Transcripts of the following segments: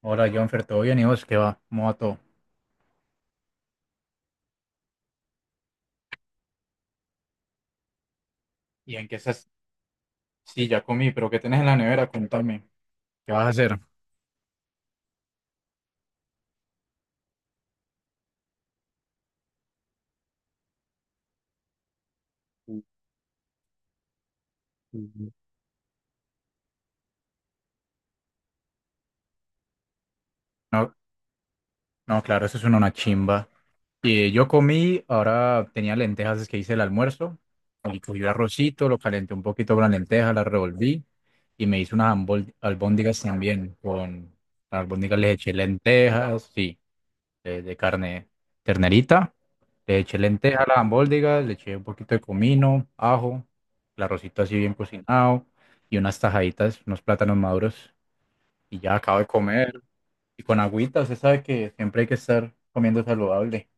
Hola, Jonfer, ¿todo bien? ¿Y vos qué va? ¿Cómo va todo? ¿Y en qué estás? Sí, ya comí, pero ¿qué tenés en la nevera? Contame. ¿Qué vas a hacer? No, no, claro, eso es una chimba. Y yo comí, ahora tenía lentejas, es que hice el almuerzo. Y cogí el arrocito, lo calenté un poquito con la lenteja, la revolví y me hice unas albóndigas también. Con las albóndigas les eché lentejas, sí. De carne, ternerita. Le eché lenteja a la albóndiga, le eché un poquito de comino, ajo, el arrocito así bien cocinado y unas tajaditas, unos plátanos maduros. Y ya acabo de comer. Y con agüita, usted sabe que siempre hay que estar comiendo saludable.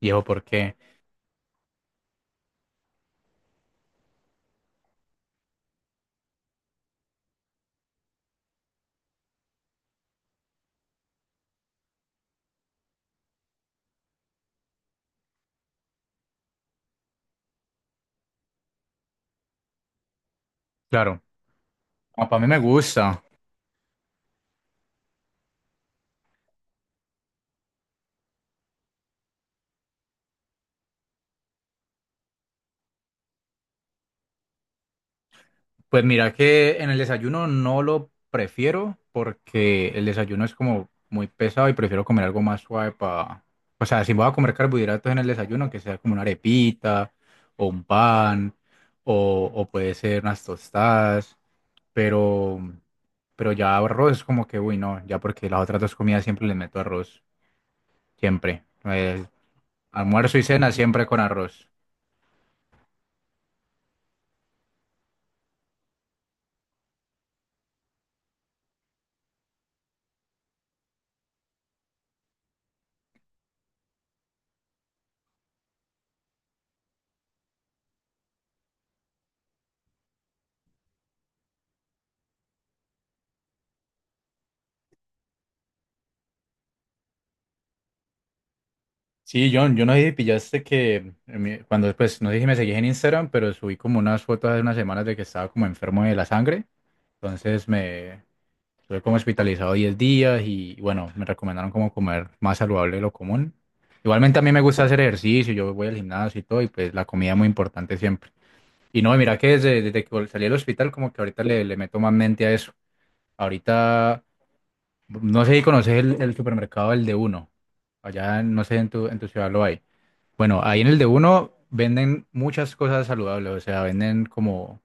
Viejo, porque, claro, para mí me gusta. Pues mira que en el desayuno no lo prefiero porque el desayuno es como muy pesado y prefiero comer algo más suave para… O sea, si voy a comer carbohidratos en el desayuno, que sea como una arepita o un pan o puede ser unas tostadas, pero, pero ya arroz es como que, uy, no, ya, porque las otras dos comidas siempre les meto arroz, siempre. Almuerzo y cena siempre con arroz. Sí, John, yo no sé si pillaste que cuando después, no sé si me seguís en Instagram, pero subí como unas fotos hace unas semanas de que estaba como enfermo de la sangre. Entonces me estuve como hospitalizado 10 días y bueno, me recomendaron como comer más saludable de lo común. Igualmente a mí me gusta hacer ejercicio, yo voy al gimnasio y todo, y pues la comida es muy importante siempre. Y no, mira que desde, desde que salí del hospital como que ahorita le meto más mente a eso. Ahorita, no sé si conoces el supermercado, el de uno. Allá, no sé, en tu ciudad lo hay. Bueno, ahí en el de uno venden muchas cosas saludables, o sea, venden como, o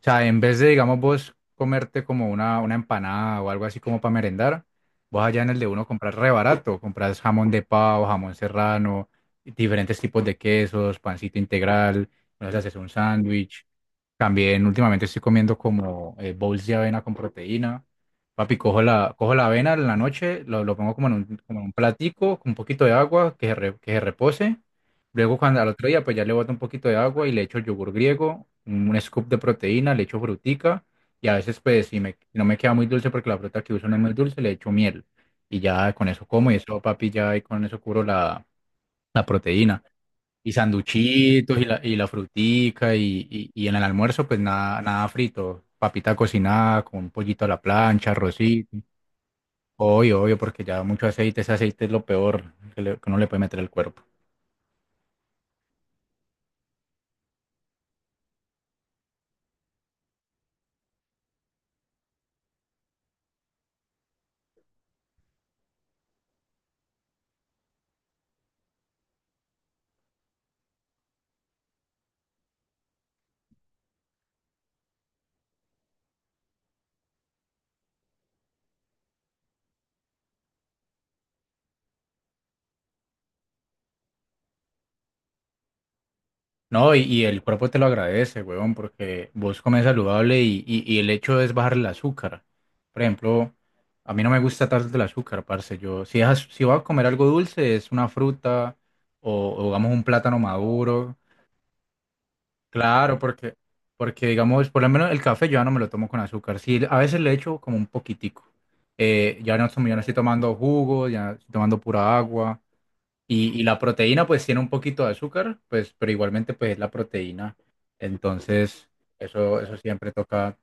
sea, en vez de, digamos, vos comerte como una empanada o algo así como para merendar, vos allá en el de uno compras re barato, compras jamón de pavo, jamón serrano, diferentes tipos de quesos, pancito integral, no, haces un sándwich, también últimamente estoy comiendo como bowls de avena con proteína. Papi, cojo la avena en la noche, lo pongo como en un platico con un poquito de agua, que se, que se repose. Luego cuando al otro día pues ya le boto un poquito de agua y le echo yogur griego, un scoop de proteína, le echo frutica, y a veces pues si me, si no me queda muy dulce porque la fruta que uso no es muy dulce, le echo miel. Y ya con eso como, y eso, papi, ya, y con eso curo la, la proteína. Y sanduchitos y la frutica, y en el almuerzo pues nada, nada frito, papita cocinada con un pollito a la plancha, arrocito. Obvio, obvio, porque ya mucho aceite, ese aceite es lo peor que, que uno le puede meter al cuerpo. No, y el cuerpo te lo agradece, huevón, porque vos comes saludable, y el hecho es bajar el azúcar. Por ejemplo, a mí no me gusta tanto el azúcar, parce. Yo, si, es si voy a comer algo dulce, es una fruta o digamos un plátano maduro. Claro, porque, porque digamos, por lo menos el café yo ya no me lo tomo con azúcar. Sí, a veces le echo como un poquitico. Ya no, ya no estoy tomando jugos, ya estoy tomando pura agua. Y la proteína pues tiene un poquito de azúcar, pues, pero igualmente pues es la proteína. Entonces, eso siempre toca.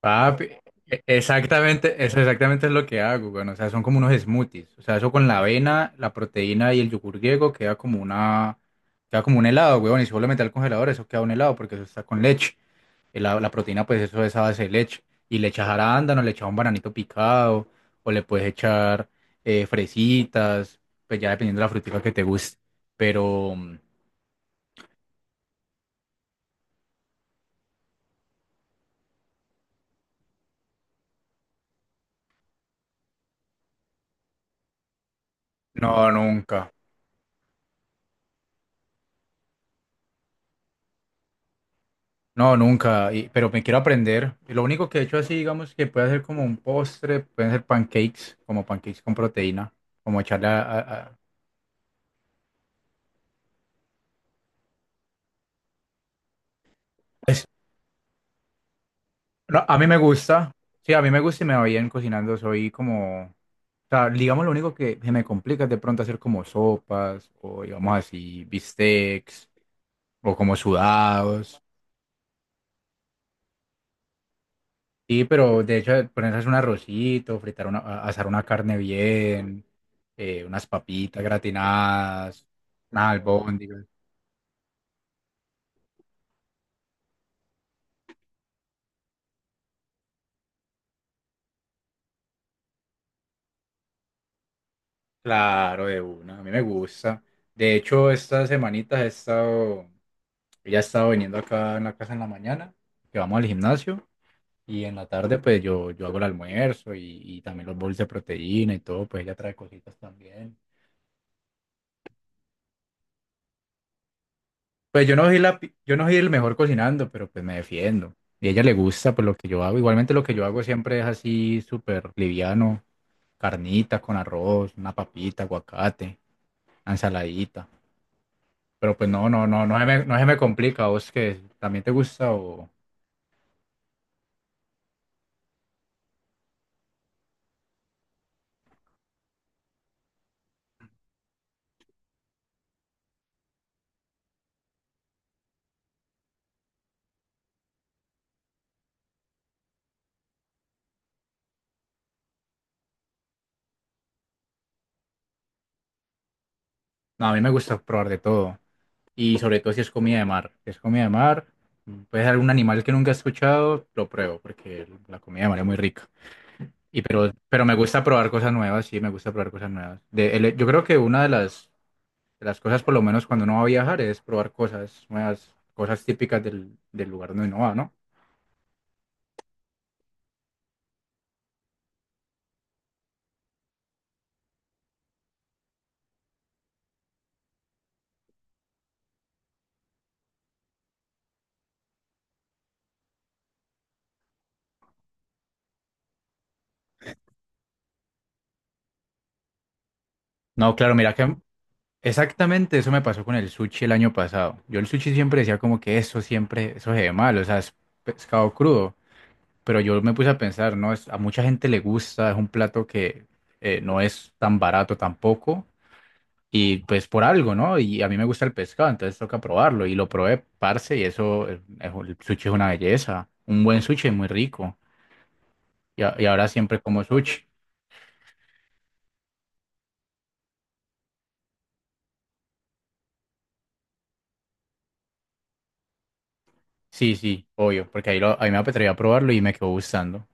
Papi, exactamente, eso exactamente es lo que hago, bueno, o sea, son como unos smoothies, o sea, eso con la avena, la proteína y el yogur griego queda como una, queda como un helado, weón, y si vos lo metes al congelador, eso queda un helado, porque eso está con leche. La proteína, pues eso es a base de leche, y le echas arándano, le echas un bananito picado, o le puedes echar fresitas, pues ya dependiendo de la frutica que te guste, pero no, nunca. No, nunca, pero me quiero aprender. Y lo único que he hecho así, digamos, que puede ser como un postre, pueden ser pancakes, como pancakes con proteína, como echarle a- Pues, no, a mí me gusta, sí, a mí me gusta y me va bien cocinando, soy como… O sea, digamos, lo único que se me complica es de pronto hacer como sopas, o digamos así, bistecs, o como sudados. Sí, pero de hecho, ponerse a hacer un arrocito, fritar una, asar una carne bien, unas papitas gratinadas, nada, albóndigas. Claro, de una, a mí me gusta. De hecho, estas semanitas he estado, ella ha estado viniendo acá en la casa en la mañana, que vamos al gimnasio, y en la tarde pues yo hago el almuerzo y también los bowls de proteína y todo, pues ella trae cositas también. Pues yo no soy la, yo no soy el mejor cocinando, pero pues me defiendo. Y a ella le gusta pues lo que yo hago. Igualmente lo que yo hago siempre es así súper liviano, carnita con arroz, una papita, aguacate, una ensaladita. Pero pues no, no, no, no se me, no se me complica. ¿A ¿Vos que también te gusta o…? No, a mí me gusta probar de todo. Y sobre todo si es comida de mar. Si es comida de mar, puede ser algún animal que nunca he escuchado, lo pruebo, porque la comida de mar es muy rica. Y pero me gusta probar cosas nuevas, sí, me gusta probar cosas nuevas. De, yo creo que una de las cosas, por lo menos cuando uno va a viajar, es probar cosas nuevas, cosas típicas del, del lugar donde uno va, ¿no? No, claro, mira que exactamente, eso me pasó con el sushi el año pasado. Yo el sushi siempre decía como que eso siempre, eso se ve mal, o sea, es pescado crudo. Pero yo me puse a pensar, no, es, a mucha gente le gusta, es un plato que no es tan barato tampoco. Y pues por algo, ¿no? Y a mí me gusta el pescado, entonces toca probarlo. Y lo probé, parce, y eso, el sushi es una belleza. Un buen sushi es muy rico. Y, y ahora siempre como sushi. Sí, sí, obvio, porque ahí, lo, ahí me atreví a probarlo y me quedó gustando.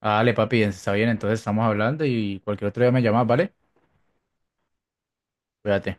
Ah, dale, papi, está bien, entonces estamos hablando y cualquier otro día me llamas, ¿vale? Cuídate.